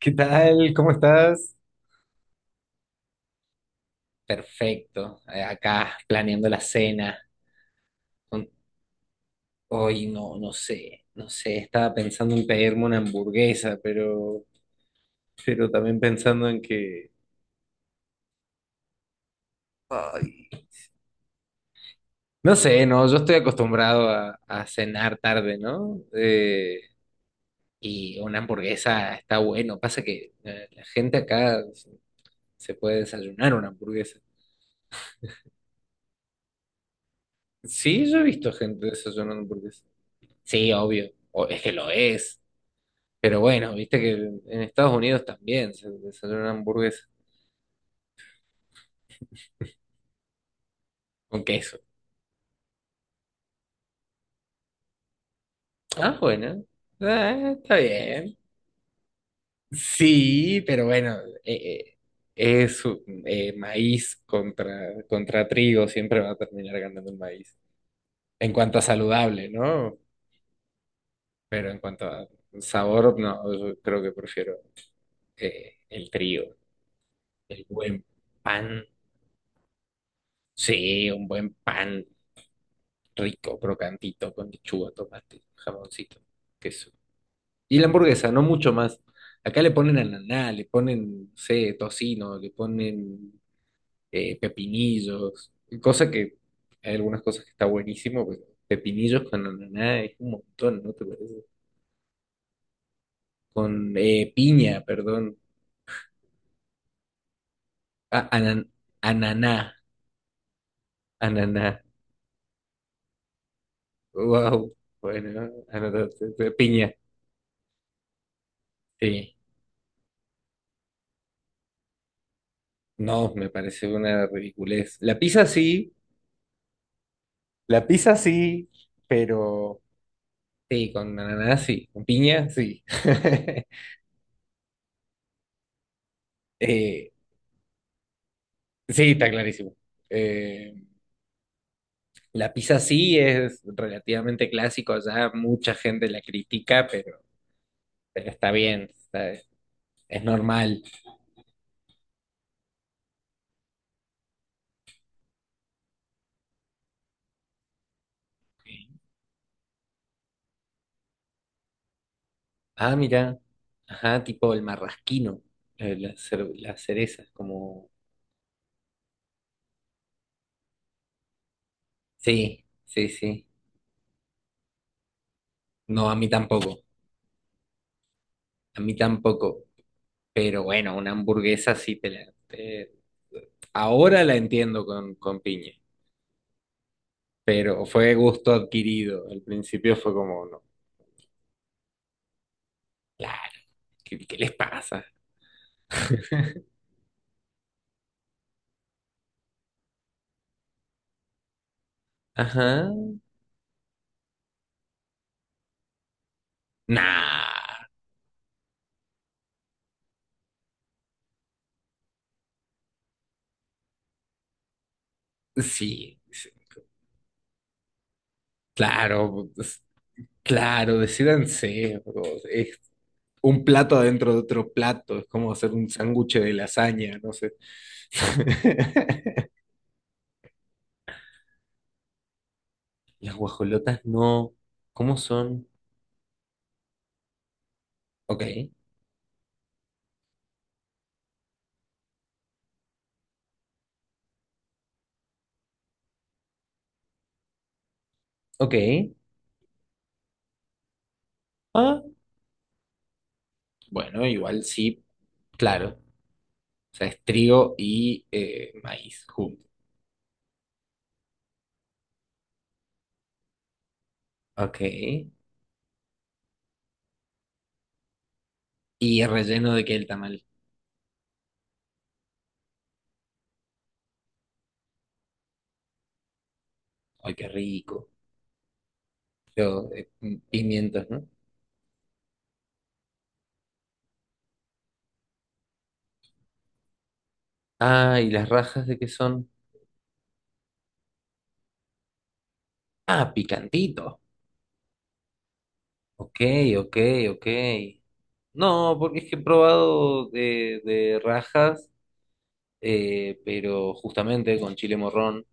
¿Qué tal? ¿Cómo estás? Perfecto. Acá planeando la cena. Con- Hoy no, no sé. Estaba pensando en pedirme una hamburguesa, pero también pensando en que, ay, no sé, no. Yo estoy acostumbrado a cenar tarde, ¿no? Y una hamburguesa está bueno. Pasa que la gente acá se puede desayunar una hamburguesa. Sí, yo he visto gente desayunando hamburguesa. Sí, obvio. Es que lo es. Pero bueno, viste que en Estados Unidos también se hace una hamburguesa con queso. Ah, bueno. Ah, está bien. Sí, pero bueno, eh, eh, es maíz contra trigo, siempre va a terminar ganando el maíz. En cuanto a saludable, ¿no? Pero en cuanto a sabor, no, yo creo que prefiero el trigo, el buen pan. Sí, un buen pan rico, crocantito, con lechuga, tomate, jamoncito, queso. Y la hamburguesa, no mucho más. Acá le ponen ananá, le ponen, no sé, tocino, le ponen pepinillos, cosa que hay algunas cosas que está buenísimo, pero pepinillos con ananá es un montón, ¿no te parece? Con piña, perdón. Ah, ananá, ananá. Wow, bueno, ananá, piña. Sí, no, me parece una ridiculez. La pizza sí, pero... Sí, con ananá, sí. Con piña, sí. Eh, sí, está clarísimo. Eh, la pizza sí es relativamente clásico allá, mucha gente la critica, pero está bien, es normal. Ah, mira. Ajá, tipo el marrasquino, la cereza, como... Sí, sí, sí. No, a mí tampoco, a mí tampoco. Pero bueno, una hamburguesa sí te la. Ahora la entiendo con piña. Pero fue gusto adquirido. Al principio fue como, no, claro, ¿qué, qué les pasa? Ajá. Nah, sí, sí, claro, pues, claro, decídanse. Es un plato adentro de otro plato, es como hacer un sándwich de lasaña, no sé. Las guajolotas no, ¿cómo son? Ok, ok. Ah, bueno, igual sí, claro. O sea, es trigo y maíz juntos. Ok. Y relleno de qué el tamal. Ay, qué rico. Yo, pimientos, ¿no? Ah, ¿y las rajas de qué son? Ah, picantito. Ok, ok, ok. No, porque es que he probado de rajas, pero justamente con chile morrón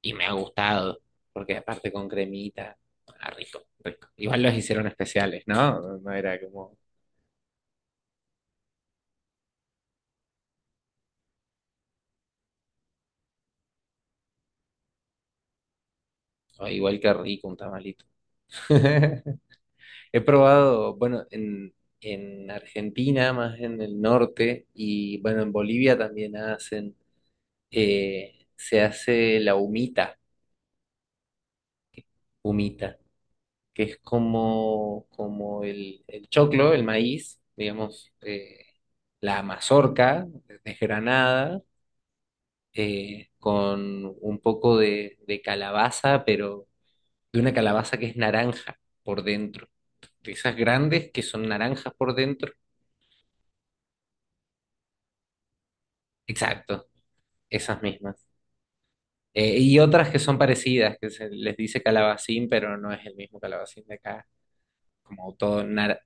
y me ha gustado, porque aparte con cremita, ah, rico, rico. Igual los hicieron especiales, ¿no? No era como, "Ay, igual que rico un tamalito. He probado, bueno, en Argentina, más en el norte, y bueno, en Bolivia también hacen, se hace la humita, humita, que es como, como el choclo, el maíz, digamos, la mazorca desgranada, con un poco de calabaza, pero de una calabaza que es naranja por dentro, de esas grandes que son naranjas por dentro, exacto, esas mismas. Y otras que son parecidas, que se les dice calabacín, pero no es el mismo calabacín de acá, como todo nar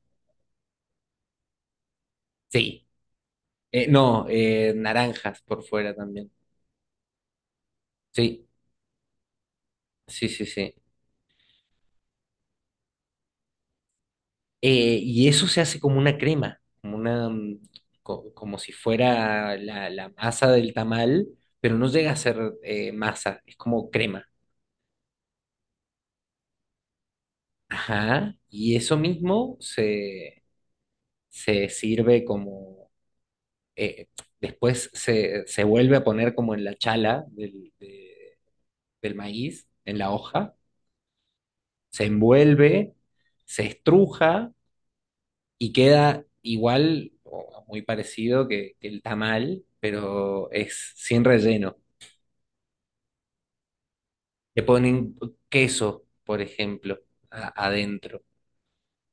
sí, no, naranjas por fuera también. Sí, sí, sí, sí. Y eso se hace como una crema, como una como si fuera la masa del tamal, pero no llega a ser masa, es como crema. Ajá. Y eso mismo se sirve como eh, después se vuelve a poner como en la chala del maíz, en la hoja, se envuelve, se estruja y queda igual o muy parecido que el tamal, pero es sin relleno. Le ponen queso, por ejemplo, adentro,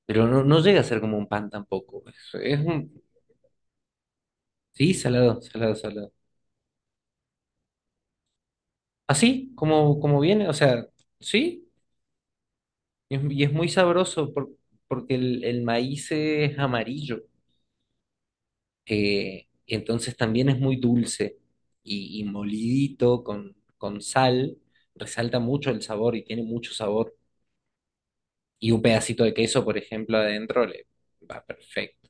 pero no, no llega a ser como un pan tampoco. Sí, salado, salado, salado. Así, como, como viene, o sea, sí. Y es muy sabroso porque el maíz es amarillo, y entonces también es muy dulce y molidito con sal, resalta mucho el sabor y tiene mucho sabor. Y un pedacito de queso, por ejemplo, adentro le va perfecto.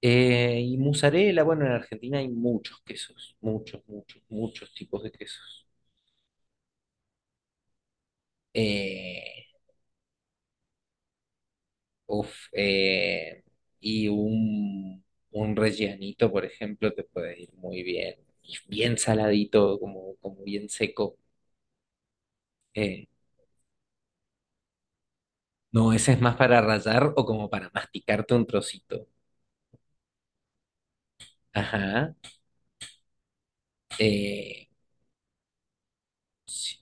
Y mozzarella, bueno, en Argentina hay muchos quesos, muchos, muchos, muchos tipos de quesos. Eh, Uf, eh, y un, un rellenito, por ejemplo, te puede ir muy bien. Y bien saladito, como, como bien seco. Eh, no, ese es más para rallar o como para masticarte un trocito. Ajá. Eh, sí.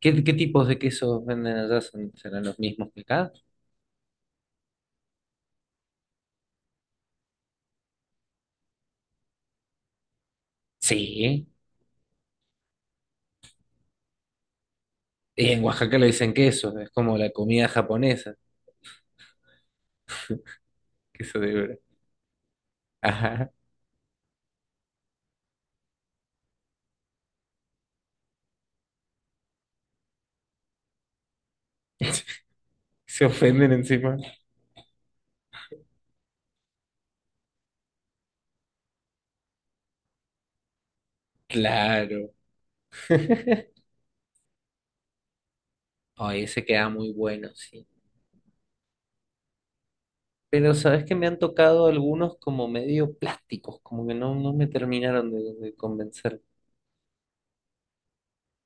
¿Qué, qué tipos de quesos venden allá? ¿Serán los mismos que acá? Sí. Y en Oaxaca le dicen queso, es como la comida japonesa, queso de hebra. Ajá. Se ofenden encima. Claro. Ahí se queda muy bueno, sí. Pero sabes que me han tocado algunos como medio plásticos, como que no, no me terminaron de convencer.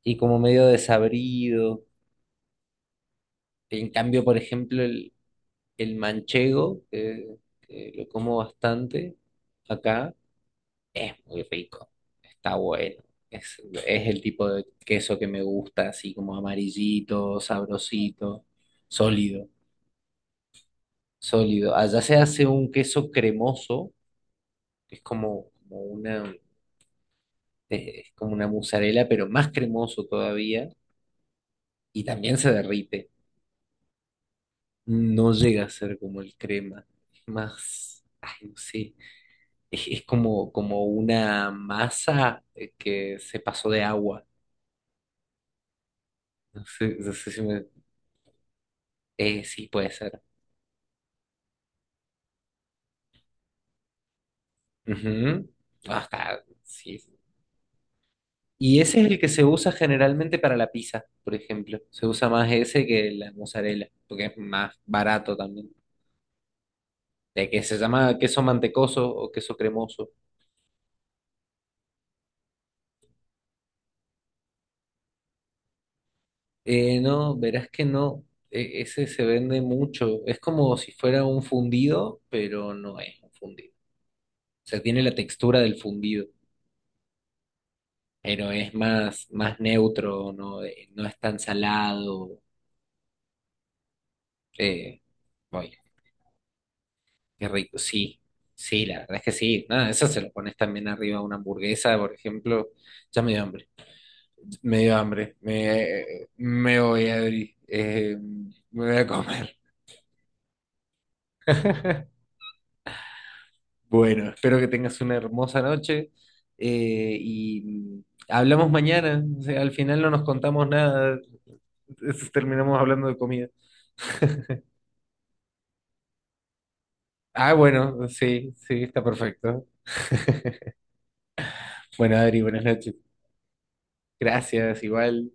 Y como medio desabrido. En cambio, por ejemplo, el manchego, que lo como bastante acá, es muy rico. Está bueno. Es, es el tipo de queso que me gusta, así como amarillito, sabrosito, sólido, sólido. Allá se hace un queso cremoso, que es como, como una es como una mozzarella, pero más cremoso todavía y también se derrite. No llega a ser como el crema, es más, ay, no sé, es como, como una masa que se pasó de agua. No sé, no sé si me- sí, puede ser. Ujú. Ajá, sí. Y ese es el que se usa generalmente para la pizza, por ejemplo. Se usa más ese que la mozzarella, porque es más barato también. De que se llama queso mantecoso o queso cremoso. No, verás que no. Ese se vende mucho. Es como si fuera un fundido, pero no es un fundido. O sea, tiene la textura del fundido, pero es más, más neutro, no, no es tan salado. Eh, oye, qué rico. Sí, sí, la verdad es que sí. Nada, eso se lo pones también arriba a una hamburguesa, por ejemplo. Ya me dio hambre. Me dio hambre. Me voy, a Eh, me voy a comer. Bueno, espero que tengas una hermosa noche y hablamos mañana. O sea, al final no nos contamos nada, terminamos hablando de comida. Ah, bueno, sí, sí, está perfecto. Bueno, Adri, buenas noches. Gracias, igual.